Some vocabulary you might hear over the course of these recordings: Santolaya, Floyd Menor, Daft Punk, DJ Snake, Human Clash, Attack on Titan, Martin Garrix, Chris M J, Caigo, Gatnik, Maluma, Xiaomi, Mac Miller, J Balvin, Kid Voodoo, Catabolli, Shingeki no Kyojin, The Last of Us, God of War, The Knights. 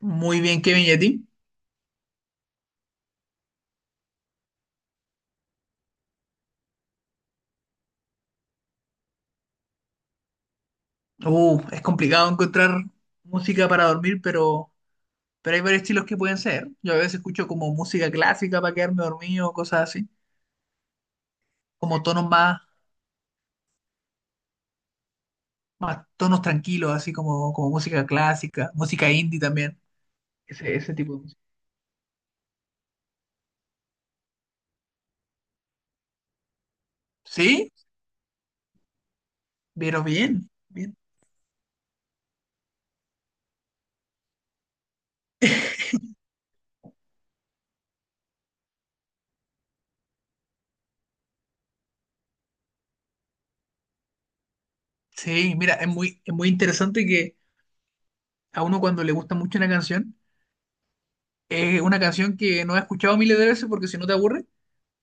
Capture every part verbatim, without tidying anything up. Muy bien, Kevin, ¿y a ti? Uh, es complicado encontrar música para dormir, pero, pero hay varios estilos que pueden ser. Yo a veces escucho como música clásica para quedarme dormido, cosas así, como tonos más, más tonos tranquilos, así como, como música clásica, música indie también, ese, ese tipo de música. Sí, pero bien, bien. Sí, mira, es muy, es muy interesante que a uno cuando le gusta mucho una canción, es una canción que no ha escuchado miles de veces porque si no te aburre,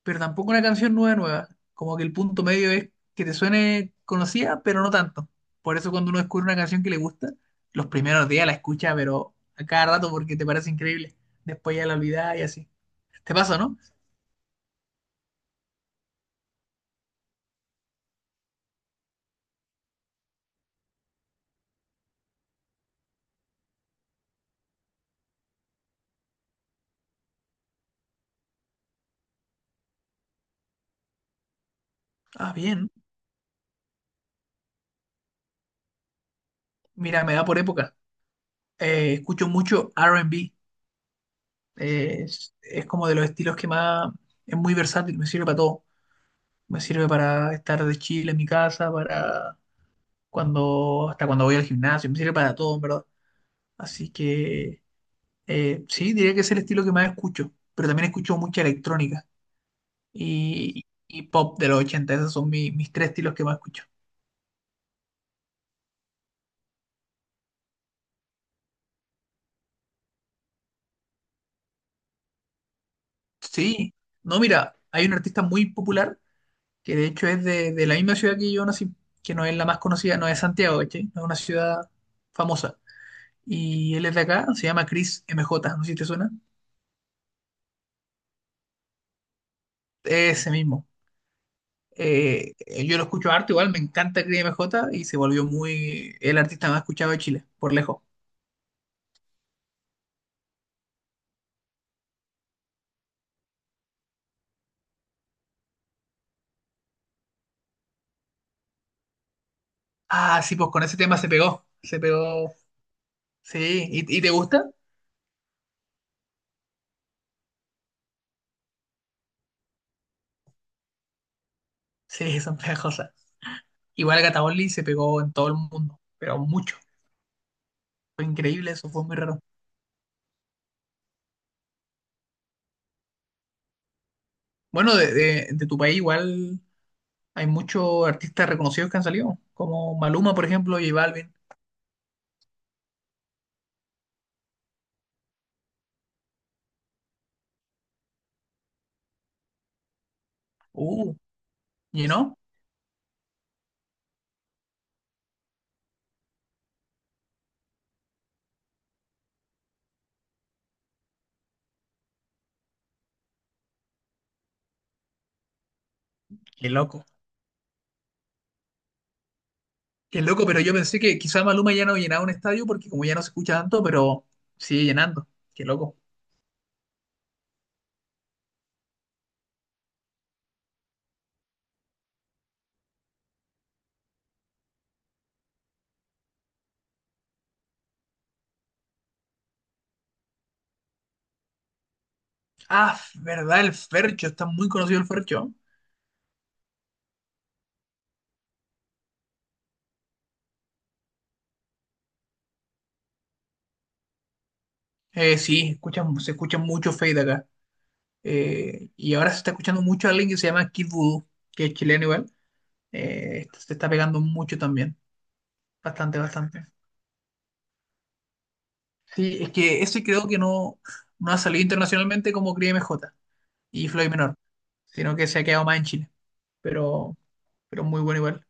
pero tampoco una canción nueva, nueva. Como que el punto medio es que te suene conocida, pero no tanto. Por eso cuando uno descubre una canción que le gusta, los primeros días la escucha, pero a cada rato porque te parece increíble. Después ya la olvidás y así. ¿Te pasa, no? Ah, bien. Mira, me da por época. Eh, escucho mucho R and B. Eh, es, es como de los estilos que más... Es muy versátil, me sirve para todo. Me sirve para estar de chile en mi casa, para cuando... Hasta cuando voy al gimnasio, me sirve para todo, en verdad. Así que. Eh, sí, diría que es el estilo que más escucho, pero también escucho mucha electrónica y, y pop de los ochenta. Esos son mi- mis tres estilos que más escucho. Sí, no, mira, hay un artista muy popular que de hecho es de, de la misma ciudad que yo nací, que no es la más conocida, no es Santiago, ¿cachai? No es una ciudad famosa. Y él es de acá, se llama Chris M J. No sé si te suena. Ese mismo. Eh, yo lo escucho harto, igual me encanta Chris M J. Y se volvió muy el artista más escuchado de Chile, por lejos. Ah, sí, pues con ese tema se pegó. Se pegó. Sí. ¿Y, y te gusta? Sí, son pegajosas. Igual Catabolli se pegó en todo el mundo, pero mucho. Fue increíble, eso fue muy raro. Bueno, de, de- de tu país igual hay muchos artistas reconocidos que han salido, como Maluma, por ejemplo, J Balvin. Uh, ¿Llenó? Qué loco. Qué loco, pero yo pensé que quizá Maluma ya no llenaba un estadio porque como ya no se escucha tanto, pero sigue llenando. Qué loco. Ah, verdad, el Fercho, está muy conocido el Fercho. Eh, sí, escuchan- se escucha mucho Fade acá. Eh, y ahora se está escuchando mucho a alguien que se llama Kid Voodoo, que es chileno igual. Eh, esto se está pegando mucho también. Bastante, bastante. Sí, es que ese creo que no, no ha salido internacionalmente como Cris M J y Floyd Menor, sino que se ha quedado más en Chile. Pero, pero muy bueno igual.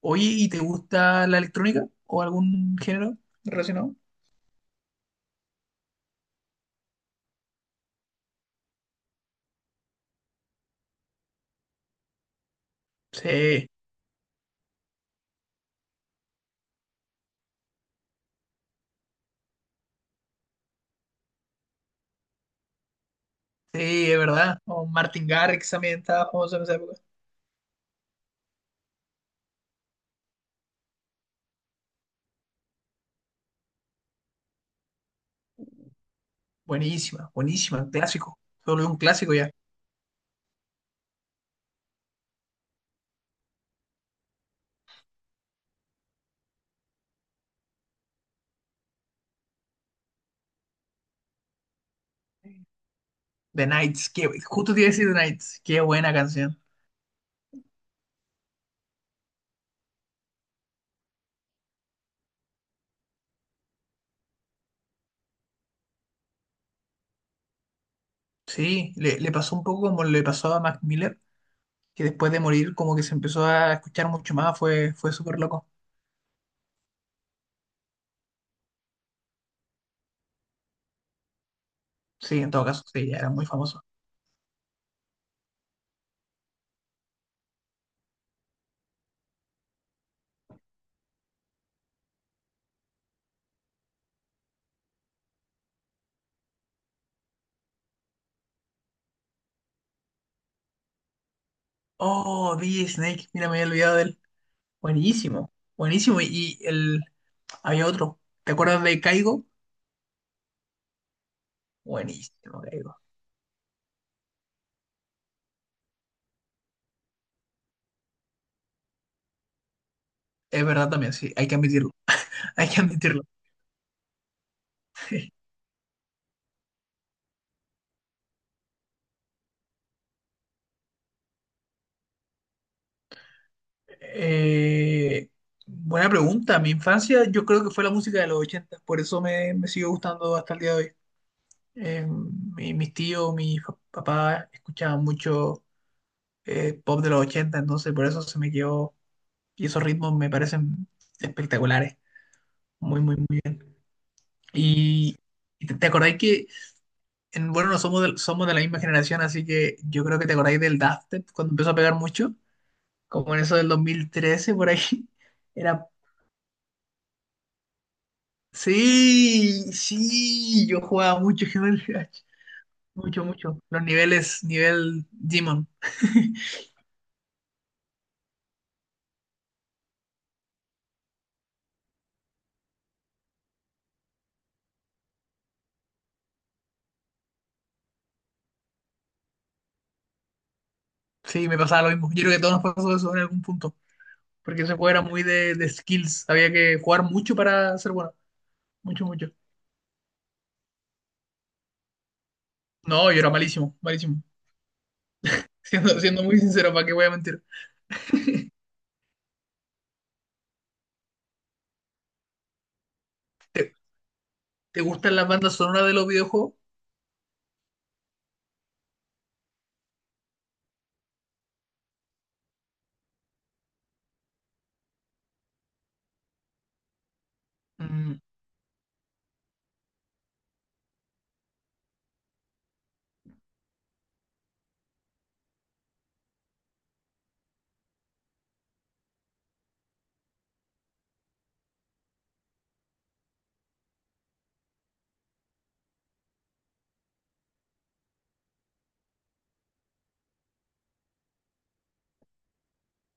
Oye, ¿y te gusta la electrónica o algún género relacionado? Sí, sí, es verdad. O Martin Garrix también estaba famoso en esa época. Buenísima, buenísima, clásico. Solo un clásico ya. The Knights, que justo te iba a decir, The Knights qué buena canción. Sí, le, le pasó un poco como le pasó a Mac Miller, que después de morir como que se empezó a escuchar mucho más, fue, fue súper loco. Sí, en todo caso, sí, ya era muy famoso. Oh, D J Snake, mira, me había olvidado de él. Buenísimo, buenísimo. Y el, había otro, ¿te acuerdas de Caigo? Buenísimo, Caigo. Es verdad también, sí, hay que admitirlo, hay que admitirlo. Eh, Buena pregunta. Mi infancia yo creo que fue la música de los ochenta, por eso me, me sigue gustando hasta el día de hoy. Eh, mi- mis tíos, mi fa- papás escuchaban mucho eh, pop de los ochenta, entonces por eso se me quedó y esos ritmos me parecen espectaculares. Muy, muy, muy. Y, y te, te acordáis que, en- bueno, no somos de, somos de la misma generación, así que yo creo que te acordáis del Daft Punk cuando empezó a pegar mucho, como en eso del dos mil trece por ahí. Era. Sí, sí, yo jugaba mucho Human Clash, mucho, mucho. Los niveles, nivel Demon. Sí, me pasaba lo mismo. Yo creo que a todos nos pasó eso en algún punto, porque ese juego era muy de, de skills, había que jugar mucho para ser bueno, mucho, mucho. No, yo era malísimo, malísimo. Siendo, siendo muy sincero, ¿para qué voy a mentir? ¿Te, te gustan las bandas sonoras de los videojuegos? Mm,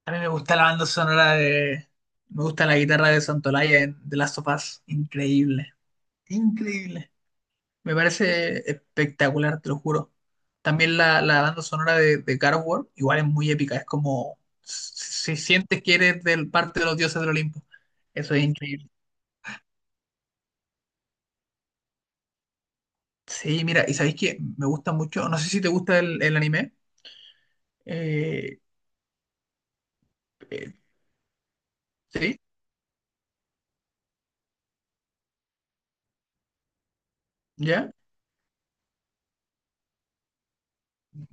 a mí me gusta la banda sonora de... Me gusta la guitarra de Santolaya en The Last of Us, increíble, increíble. Me parece espectacular, te lo juro. También la, la banda sonora de, de God of War, igual es muy épica, es como si si sientes que eres del parte de los dioses del Olimpo. Eso es increíble. Sí, mira, y sabéis que me gusta mucho, no sé si te gusta el, el anime. Eh, eh, ¿Sí? ¿Ya?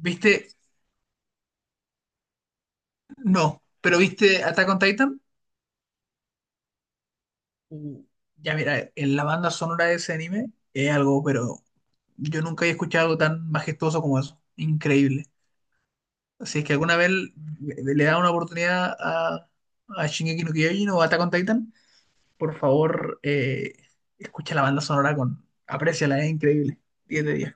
¿Viste? No, pero ¿viste Attack on Titan? Uh, ya mira, en la banda sonora de ese anime es algo, pero yo nunca he escuchado algo tan majestuoso como eso. Increíble. Si es que alguna vez le, le da una oportunidad a, a Shingeki no Kyojin o Attack on Titan, por favor, eh, escucha la banda sonora con... Apréciala, es increíble. Diez de diez.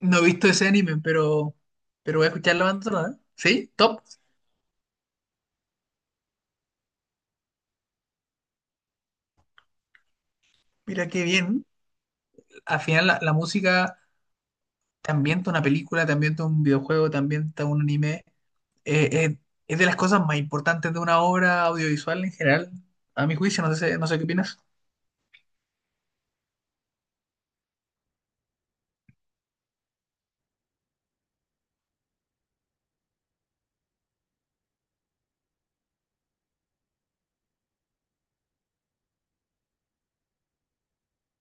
No he visto ese anime, pero, pero voy a escuchar la banda sonora. ¿Sí? Top. Mira qué bien. Al final la, la música también ambienta una película, también ambienta un videojuego, también ambienta un anime. Eh, eh, es de las cosas más importantes de una obra audiovisual en general, a mi juicio. No sé, no sé qué opinas.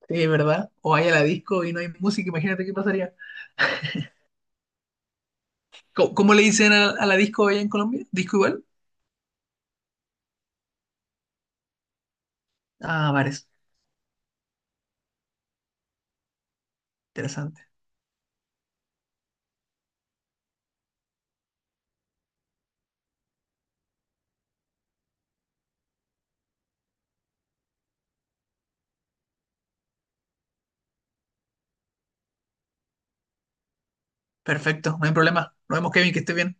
Sí, ¿verdad? O vaya a la disco y no hay música, imagínate qué pasaría. ¿Cómo, cómo le dicen a, a la disco allá en Colombia? ¿Disco igual? Ah, bares. Interesante. Perfecto, no hay problema. Nos vemos, Kevin, que esté bien.